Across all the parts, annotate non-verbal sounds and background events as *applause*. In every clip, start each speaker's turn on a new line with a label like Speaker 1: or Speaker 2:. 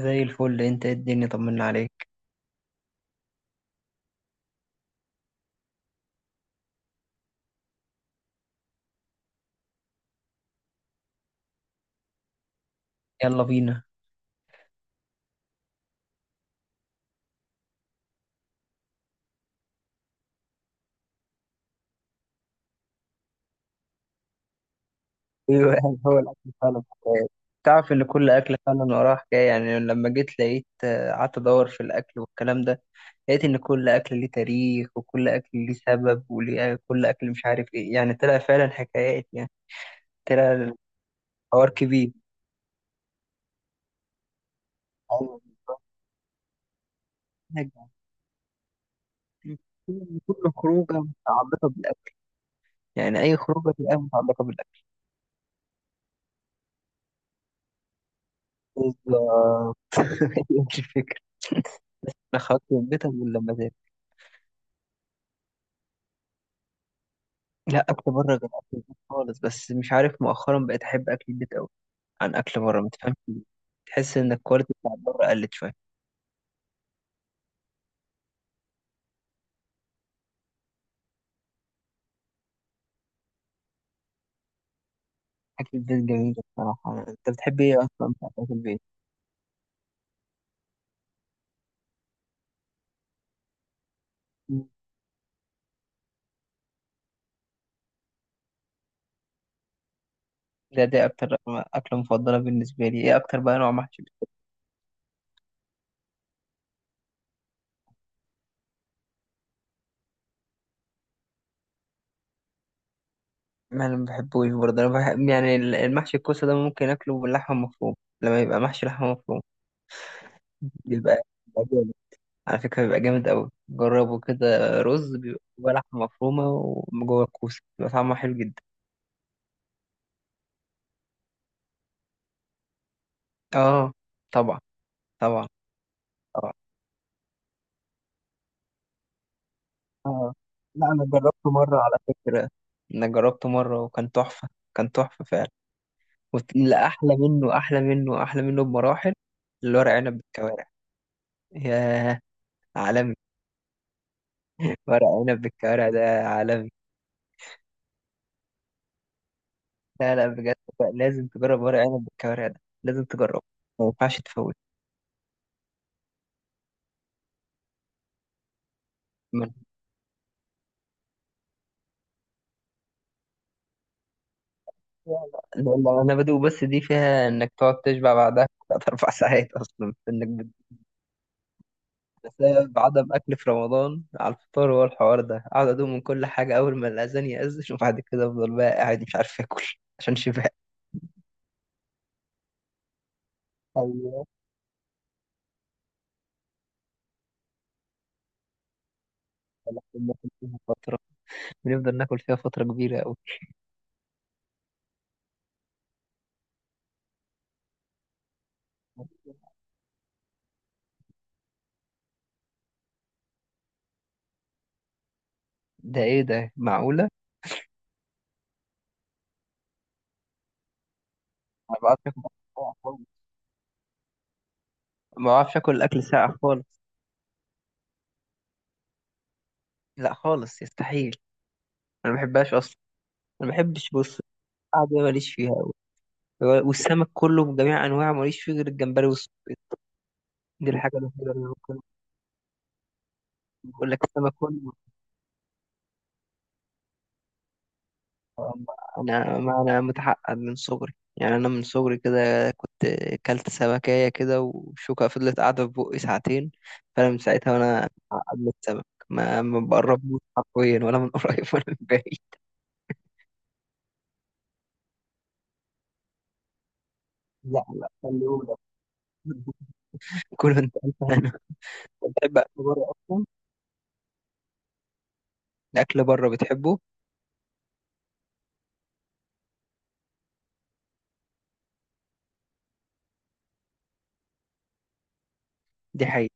Speaker 1: زي الفل. انت ايه؟ الدنيا طمنا عليك. يلا بينا. ايوه، يعني هو الاكل فعلا حكاية. تعرف ان كل اكل فعلا وراه حكايه، يعني لما جيت لقيت قعدت ادور في الاكل والكلام ده. لقيت ان كل اكل ليه تاريخ وكل اكل ليه سبب وليه كل اكل، مش عارف ايه، يعني طلع فعلا حكايات، يعني طلع الحوار كبير. ايوه، بالظبط. حاجة. كل خروجه متعلقه بالاكل، يعني اي خروجه تبقى متعلقه بالاكل بالظبط. *laughs* هي دي الفكره. لا خرجت من بيتك ولا مزاج. لا، اكل بره غير اكل البيت خالص. بس مش عارف، مؤخرا بقيت احب اكل البيت قوي عن اكل بره، ما تفهمش ليه. تحس ان الكواليتي بتاعت بره قلت شويه. اكل البيت جميل بصراحه. انت بتحب ايه اصلا بتاع اكل البيت؟ مم. دي اكتر اكله مفضله بالنسبه لي. ايه اكتر بقى نوع محشي بتحبه؟ ما انا ما بحبوش برضه. انا بحب يعني المحشي الكوسه ده، ممكن اكله باللحمه مفروم، لما يبقى محشي لحمه مفروم. بيبقى بيبقى جامد، على فكره بيبقى جامد قوي، جربه كده. رز بيبقى جواه لحمه مفرومه، وجوه الكوسه بيبقى طعمه حلو جدا. اه، طبعا. طبعا. طبعا. آه. لا، أنا جربته مرة على فكرة. انا جربته مرة وكان تحفة. كان تحفة فعلا. لا، احلى منه احلى منه احلى منه بمراحل، الورق عنب بالكوارع. ياه، عالمي. ورق عنب بالكوارع ده عالمي. لا لا، بجد، بقى لازم تجرب ورق عنب بالكوارع ده، لازم تجربه، ما ينفعش تفوت. من- لا لا لا، انا بدو بس دي فيها انك تقعد تشبع بعدها 3 4 *laughs* ساعات، اصلا انك بسبب عدم أكل في رمضان على الفطار هو الحوار ده، أقعد أدوم من كل حاجة أول ما الأذان يأذن. وبعد كده أفضل بقى قاعد مش عارف آكل *laughs* عشان شبع. أيوة، بناكل فيها فترة، بنفضل ناكل فيها فترة كبيرة أوي. ده إيه ده، معقولة؟ ما بعرفش آكل أكل ساقع خالص. ما بعرفش آكل أكل ساقع خالص. لا خالص، يستحيل. أنا ما بحبهاش أصلا. أنا ما بحبش، بص، القعدة دي ماليش فيها أوي. والسمك كله بجميع أنواعه ماليش فيه غير الجمبري والصبيط. دي الحاجة الوحيدة اللي ممكن. بقول لك السمك كله، انا ما انا متعقد من صغري، يعني انا من صغري كده كنت كلت سمكية كده وشوكة فضلت قاعدة في بقي ساعتين. فانا من ساعتها وانا متعقد من السمك، ما بقربوش حرفيا، ولا من *laughs* قريب ولا من بعيد. لا لا، خلي بالك. *laughs* كله. انت انا بتحب هتاكل بره اصلا؟ الاكل بره بتحبه؟ دي حقيقة.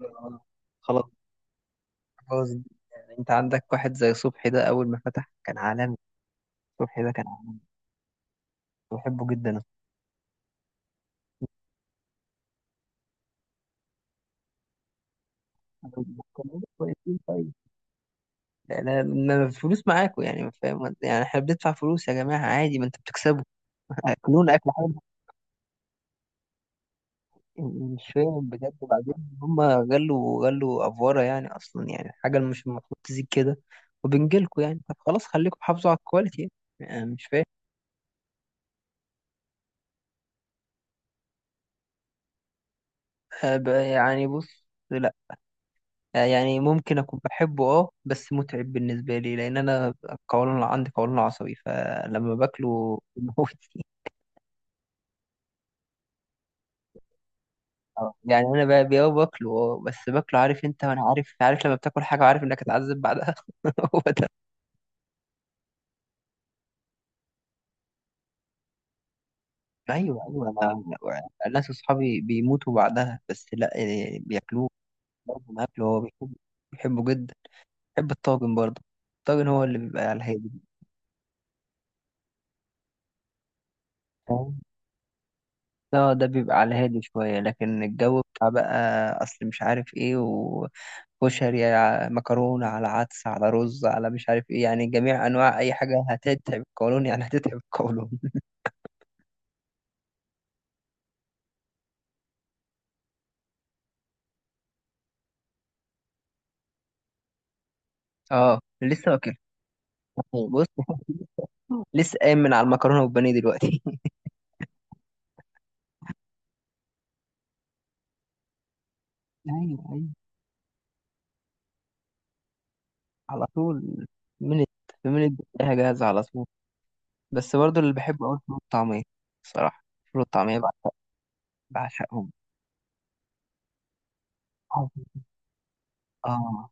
Speaker 1: آه. خلاص. خلاص. يعني انت عندك واحد زي صبحي، ده اول ما فتح كان عالمي. صبحي ده كان عالمي، بحبه جدا أنا. كنت بقول لك كويسين طيب. ما الفلوس معاكوا، يعني ما فاهم، يعني احنا بندفع فلوس يا جماعة عادي، ما انتوا بتكسبوا. *laughs* اكلون اكل حلو. يعني مش فاهم بجد. بعدين هم غلوا غلوا افوارة يعني، اصلا يعني حاجة مش المفروض تزيد كده، وبنجيلكوا يعني، طب خلاص خليكم حافظوا على الكواليتي، يعني أنا مش فاهم. أه، يعني بص لا. أه، يعني ممكن اكون بحبه اه، بس متعب بالنسبة لي، لان انا عندي قولون عصبي، فلما باكله بيموتني. آه، يعني انا بقى باكله، بس باكله، عارف انت؟ وانا عارف لما بتاكل حاجه وعارف انك هتعذب بعدها. *laughs* هو ده. ايوه ايوه، انا. أنا ناس اصحابي بيموتوا بعدها، بس لا، يعني بياكلوه. برضه انا اكله. هو بيحبه، بيحبه جدا. بيحب الطاجن برضه. الطاجن هو اللي بيبقى على الهادي. فاهم؟ اه، ده بيبقى على الهادي شويه، لكن الجو بتاع بقى، اصل مش عارف ايه، وكشري على مكرونه على عدس على رز على مش عارف ايه، يعني جميع انواع اي حاجه هتتعب القولون، يعني هتتعب القولون. اه، لسه واكل. بص، *laughs* لسه قايم من على المكرونه والبانيه دلوقتي. *laughs* ايوه ايوه، على طول. من من الدنيا جاهزه على طول. بس برضو اللي بحبه قوي الفول والطعميه. الصراحه الفول والطعميه بعشق، بعشقهم. اه،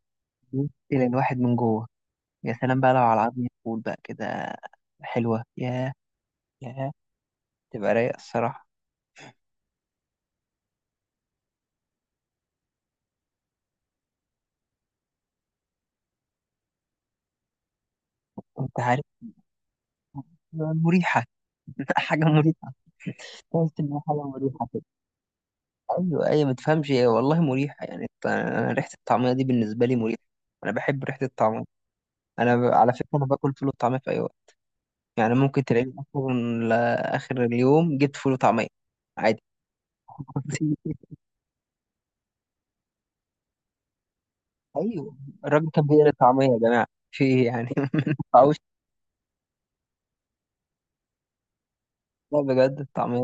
Speaker 1: بص، الى الواحد من جوه. يا سلام بقى لو على عظم فول بقى كده، حلوه. يا تبقى رايقه الصراحه. انت عارف، مريحه. *laughs* حاجه مريحه. تحس انها حاجه مريحه. ايوه ايوه، ما تفهمش ايه، والله مريحه، يعني انا ريحه الطعميه دي بالنسبه لي مريحه. انا بحب ريحه الطعميه. على فكره انا باكل فول وطعميه في اي وقت. يعني ممكن تلاقيني اصلا لاخر اليوم جبت فول وطعميه عادي. *laughs* ايوه. الراجل كان بيقلي الطعميه، يا جماعه في ايه يعني؟ *laughs* ما ينفعوش. لا بجد، الطعميه،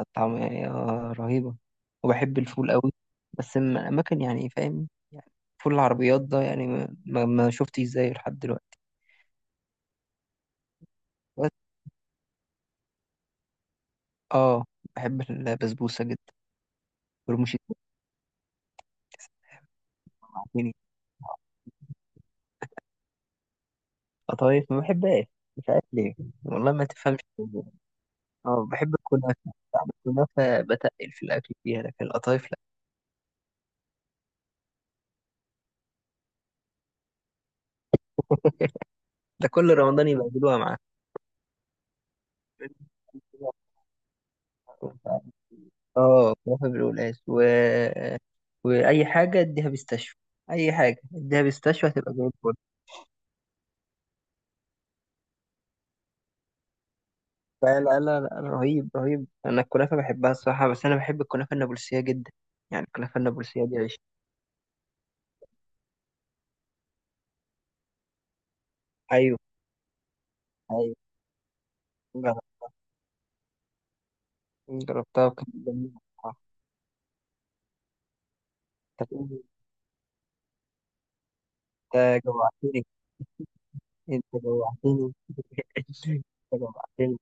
Speaker 1: الطعميه رهيبه. وبحب الفول قوي بس من اماكن، يعني فاهم يعني، فول العربيات ده يعني ما شفتش زيه لحد دلوقتي. اه، بحب البسبوسة جدا. رموش التين. قطايف ما بحبهاش، مش عارف ليه. والله ما تفهمش الموضوع. اه، بحب الكنافة، بعد الكنافة بتقل في الأكل فيها، لكن القطايف لا. ده كل رمضان يبقى معاه. اه، كنافة بالقلقاس وأي حاجة اديها بيستشفى. أي حاجة اديها بيستشفى هتبقى زي الفل. لا لا لا لا، رهيب رهيب. أنا الكنافة بحبها الصراحة، بس أنا بحب الكنافة النابلسية جدا. يعني الكنافة النابلسية دي عيش. أيوه أيوه. جر- جربتها وكانت جميلة بصراحة. طب انت جوعتني. انت جوعتني. *laughs* انت جوعتني.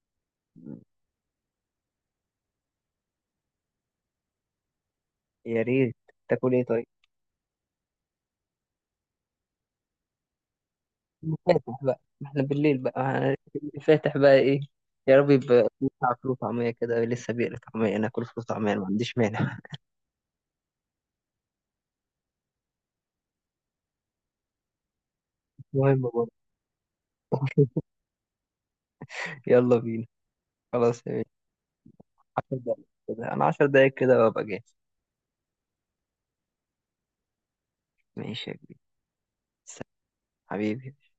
Speaker 1: يا ريت. تاكل ايه طيب؟ فاتح بقى، ما احنا بالليل بقى. فاتح بقى ايه. يا رب يبقى بتاع فول طعمية كده، لسه بيقلي طعمية، ناكل فول طعمية، أنا ما عنديش مانع. المهم برضه، يلا بينا. خلاص يا بيه. 10 دقايق كده، انا 10 دقايق كده وابقى جاهز. ماشي يا كبير. سلام حبيبي.